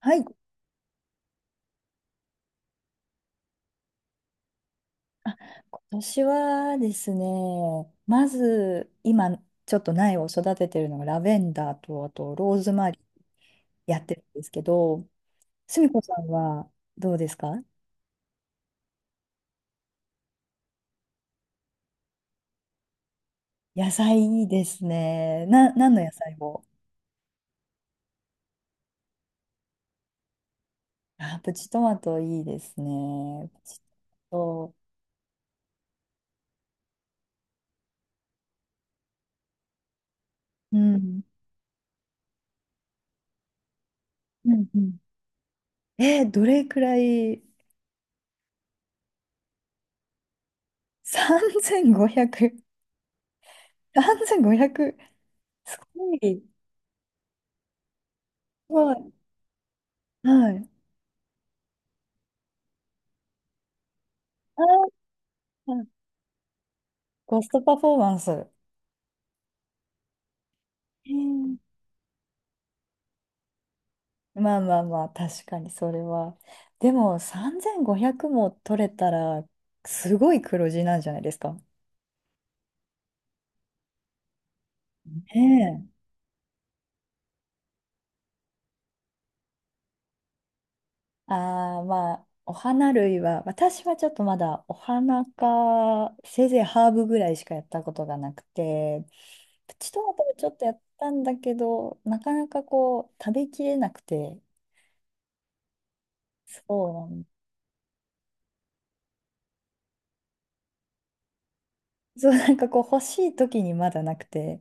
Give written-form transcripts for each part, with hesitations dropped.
はい。あ、今年はですね、まず今ちょっと苗を育ててるのがラベンダーとあとローズマリーやってるんですけど、すみこさんはどうですか？野菜いいですね。何の野菜を？あ、プチトマトいいですね。プチト、うん。うんうん。どれくらい？ 3500。3500。すごい。すごい。はい。あーコストパフォーマンス。えーまあまあまあ、確かにそれは。でも、3500も取れたら、すごい黒字なんじゃないですか？ねえ。ああ、まあ、お花類は、私はちょっとまだお花か、せいぜいハーブぐらいしかやったことがなくて、プチトマトもちょっとやったんだけど、なかなかこう、食べきれなくて、そうなん、そう、なんかこう、欲しい時にまだなくて、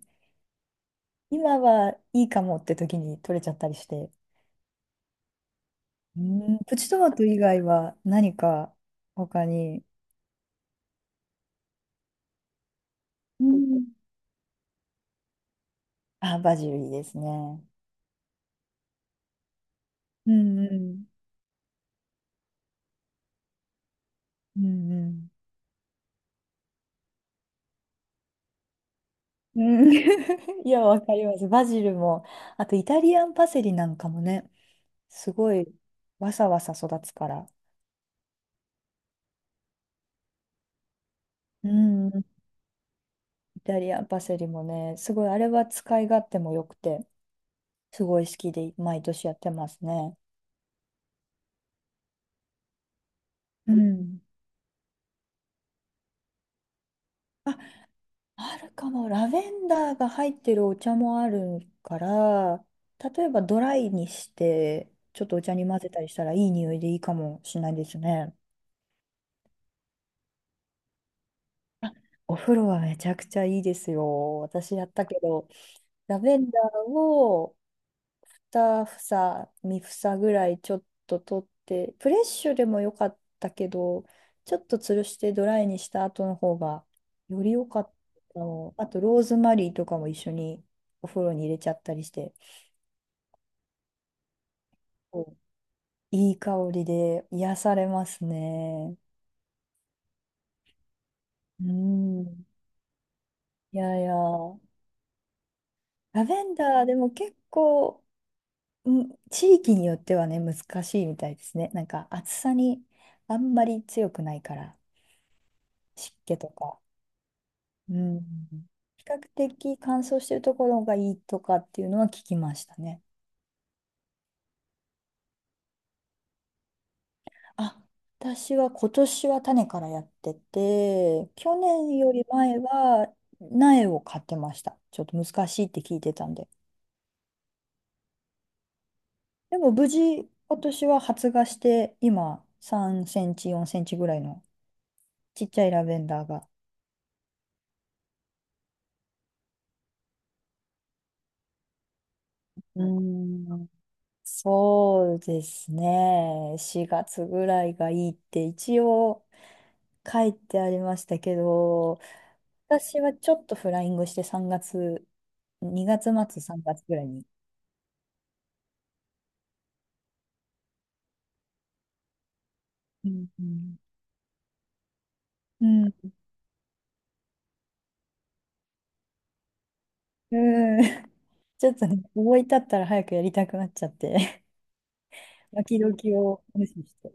今はいいかもって時に取れちゃったりして、うん、プチトマト以外は何か他に？うん。あ、バジルいいですね。うんうん。うんうん。うん いや、わかります。バジルも、あとイタリアンパセリなんかもね、すごいわさわさ育つから。うん、イタリアンパセリもね、すごい、あれは使い勝手も良くて、すごい好きで、毎年やってますね。うん。あ、あるかも。ラベンダーが入ってるお茶もあるから、例えばドライにして、ちょっとお茶に混ぜたりしたらいい匂いでいいかもしれないですね。お風呂はめちゃくちゃいいですよ。私やったけど、ラベンダーを2房、3房ぐらいちょっと取って、フレッシュでもよかったけど、ちょっと吊るしてドライにした後の方がより良かったの。あとローズマリーとかも一緒にお風呂に入れちゃったりして。お、いい香りで癒されますね。うん。いやいや、ラベンダーでも結構、うん、地域によってはね、難しいみたいですね。なんか暑さにあんまり強くないから、湿気とか。うん。比較的乾燥してるところがいいとかっていうのは聞きましたね。あ、私は今年は種からやってて、去年より前は苗を買ってました。ちょっと難しいって聞いてたんで。でも無事、今年は発芽して、今、3センチ、4センチぐらいのちっちゃいラベンダーが。うーん。そうですね。4月ぐらいがいいって一応書いてありましたけど、私はちょっとフライングして3月、2月末、3月ぐらいに。うんうんうん。うん ちょっとね、思い立ったら早くやりたくなっちゃって、巻ききを無視して。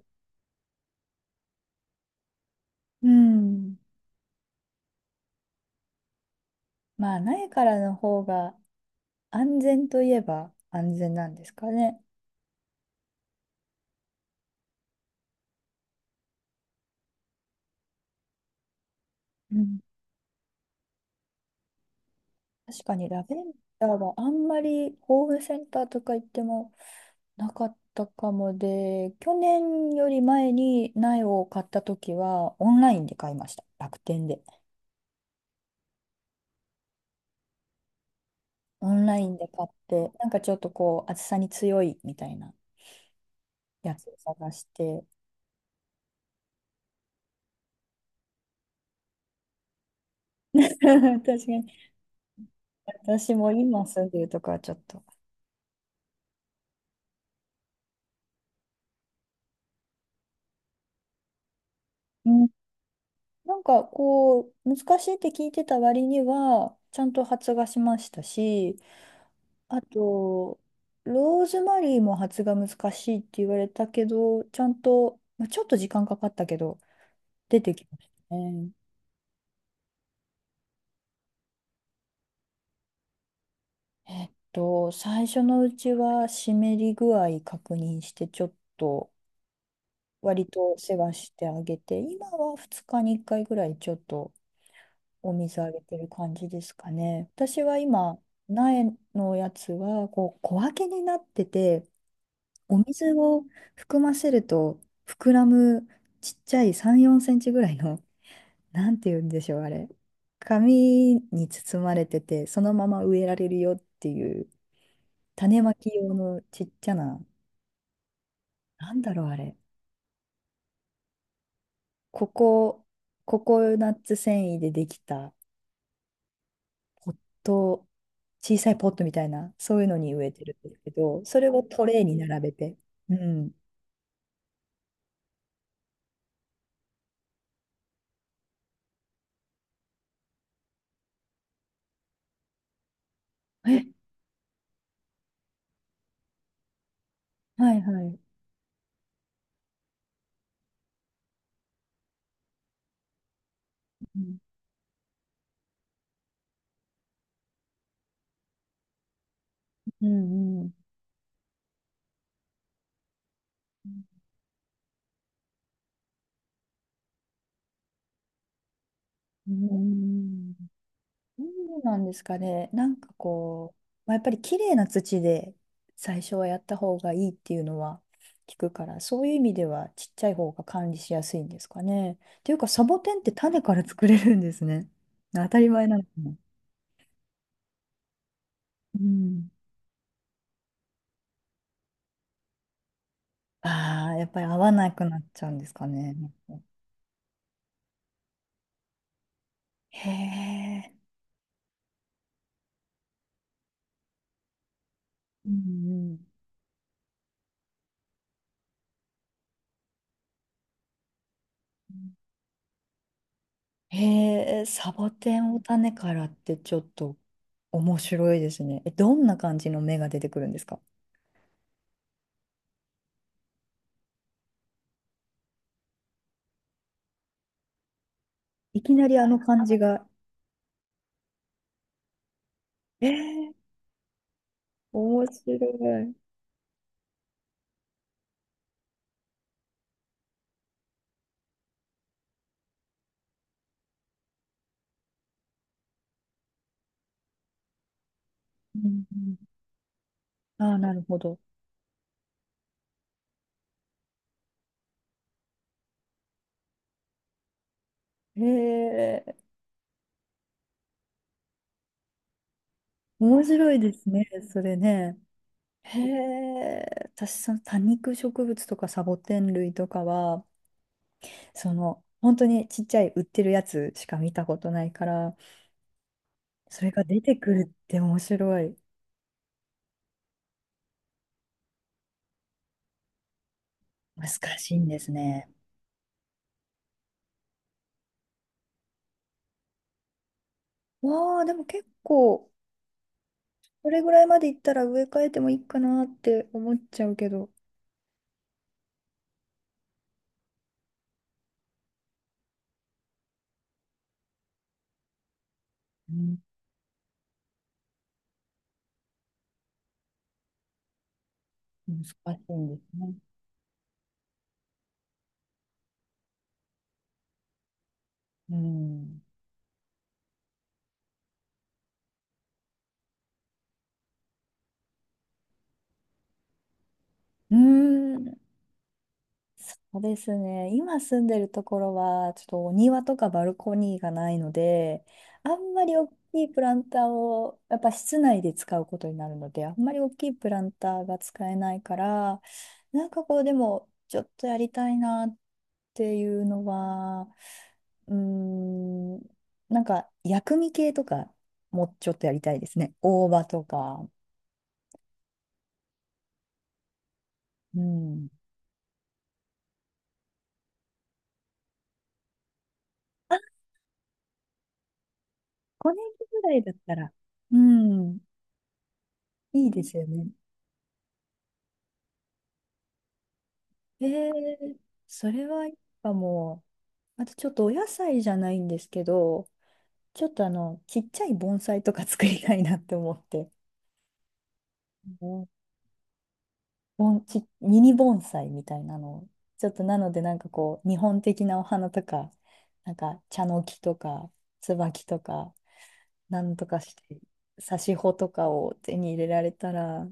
うん。まあ、苗からの方が安全といえば安全なんですかね。うん。確かにラベンダーはあんまりホームセンターとか行ってもなかったかもで、去年より前に苗を買った時はオンラインで買いました。楽天で。オンラインで買って、なんかちょっとこう暑さに強いみたいなやつを探して。確かに。私も今住んでるとこはちょっと。うん、なんかこう、難しいって聞いてた割には、ちゃんと発芽しましたし、あと、ローズマリーも発芽難しいって言われたけど、ちゃんと、まあ、ちょっと時間かかったけど、出てきましたね。最初のうちは湿り具合確認して、ちょっと割と世話してあげて、今は2日に1回ぐらいちょっとお水あげてる感じですかね。私は今、苗のやつはこう小分けになってて、お水を含ませると膨らむちっちゃい3、4センチぐらいの、なんて言うんでしょう、あれ。紙に包まれてて、そのまま植えられるよっていう、種まき用のちっちゃな、なんだろう、あれ。ココココナッツ繊維でできたポット、小さいポットみたいな、そういうのに植えてるんですけど、それをトレーに並べて。うん。え、はいはい。うん、うん、うん。うん、そうなんですかね。なんかこう、まあ、やっぱり綺麗な土で最初はやった方がいいっていうのは聞くから、そういう意味ではちっちゃい方が管理しやすいんですかね。っていうか、サボテンって種から作れるんですね。当たり前なのかな。うん。ああ、やっぱり合わなくなっちゃうんですかね。へえ。うんうんへえ、サボテンを種からってちょっと面白いですね。え、どんな感じの芽が出てくるんですか？いきなりあの感じが。えー、面白い。うんうんああ、なるほど。へえ、面白いですね、それね。へえ、私、その多肉植物とかサボテン類とかは、その、本当にちっちゃい売ってるやつしか見たことないから、それが出てくるって面白い。難しいんですね。わあ、でも結構、これぐらいまでいったら植え替えてもいいかなって思っちゃうけど。うん、難しいんですね。うん。うーん、そうですね。今住んでるところは、ちょっとお庭とかバルコニーがないので、あんまり大きいプランターを、やっぱ室内で使うことになるので、あんまり大きいプランターが使えないから、なんかこう、でも、ちょっとやりたいなっていうのは、うーん、なんか薬味系とか、もうちょっとやりたいですね。大葉とか。うん。あ、ごね年ぐらいだったら、うん、いいですよね。えー、それはやっぱもう、あとちょっとお野菜じゃないんですけど、ちょっとちっちゃい盆栽とか作りたいなって思って、うん、ミニ盆栽みたいなのを、ちょっとなのでなんかこう、日本的なお花とか、なんか茶の木とか、椿とか、なんとかして、挿し穂とかを手に入れられたら、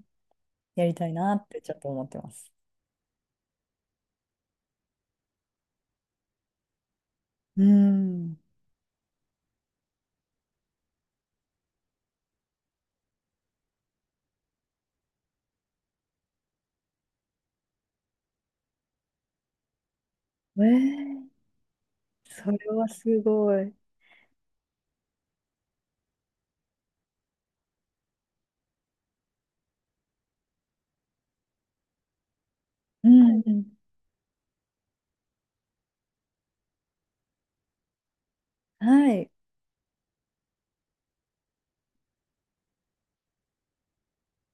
やりたいなってちょっと思ってます。うん。えー、それはすごい。うんうんはい。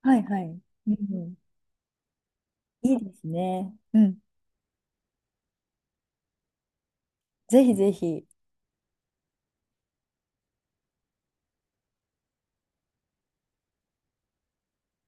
はいはい。うんうん。いいですね。うん。ぜひぜひ。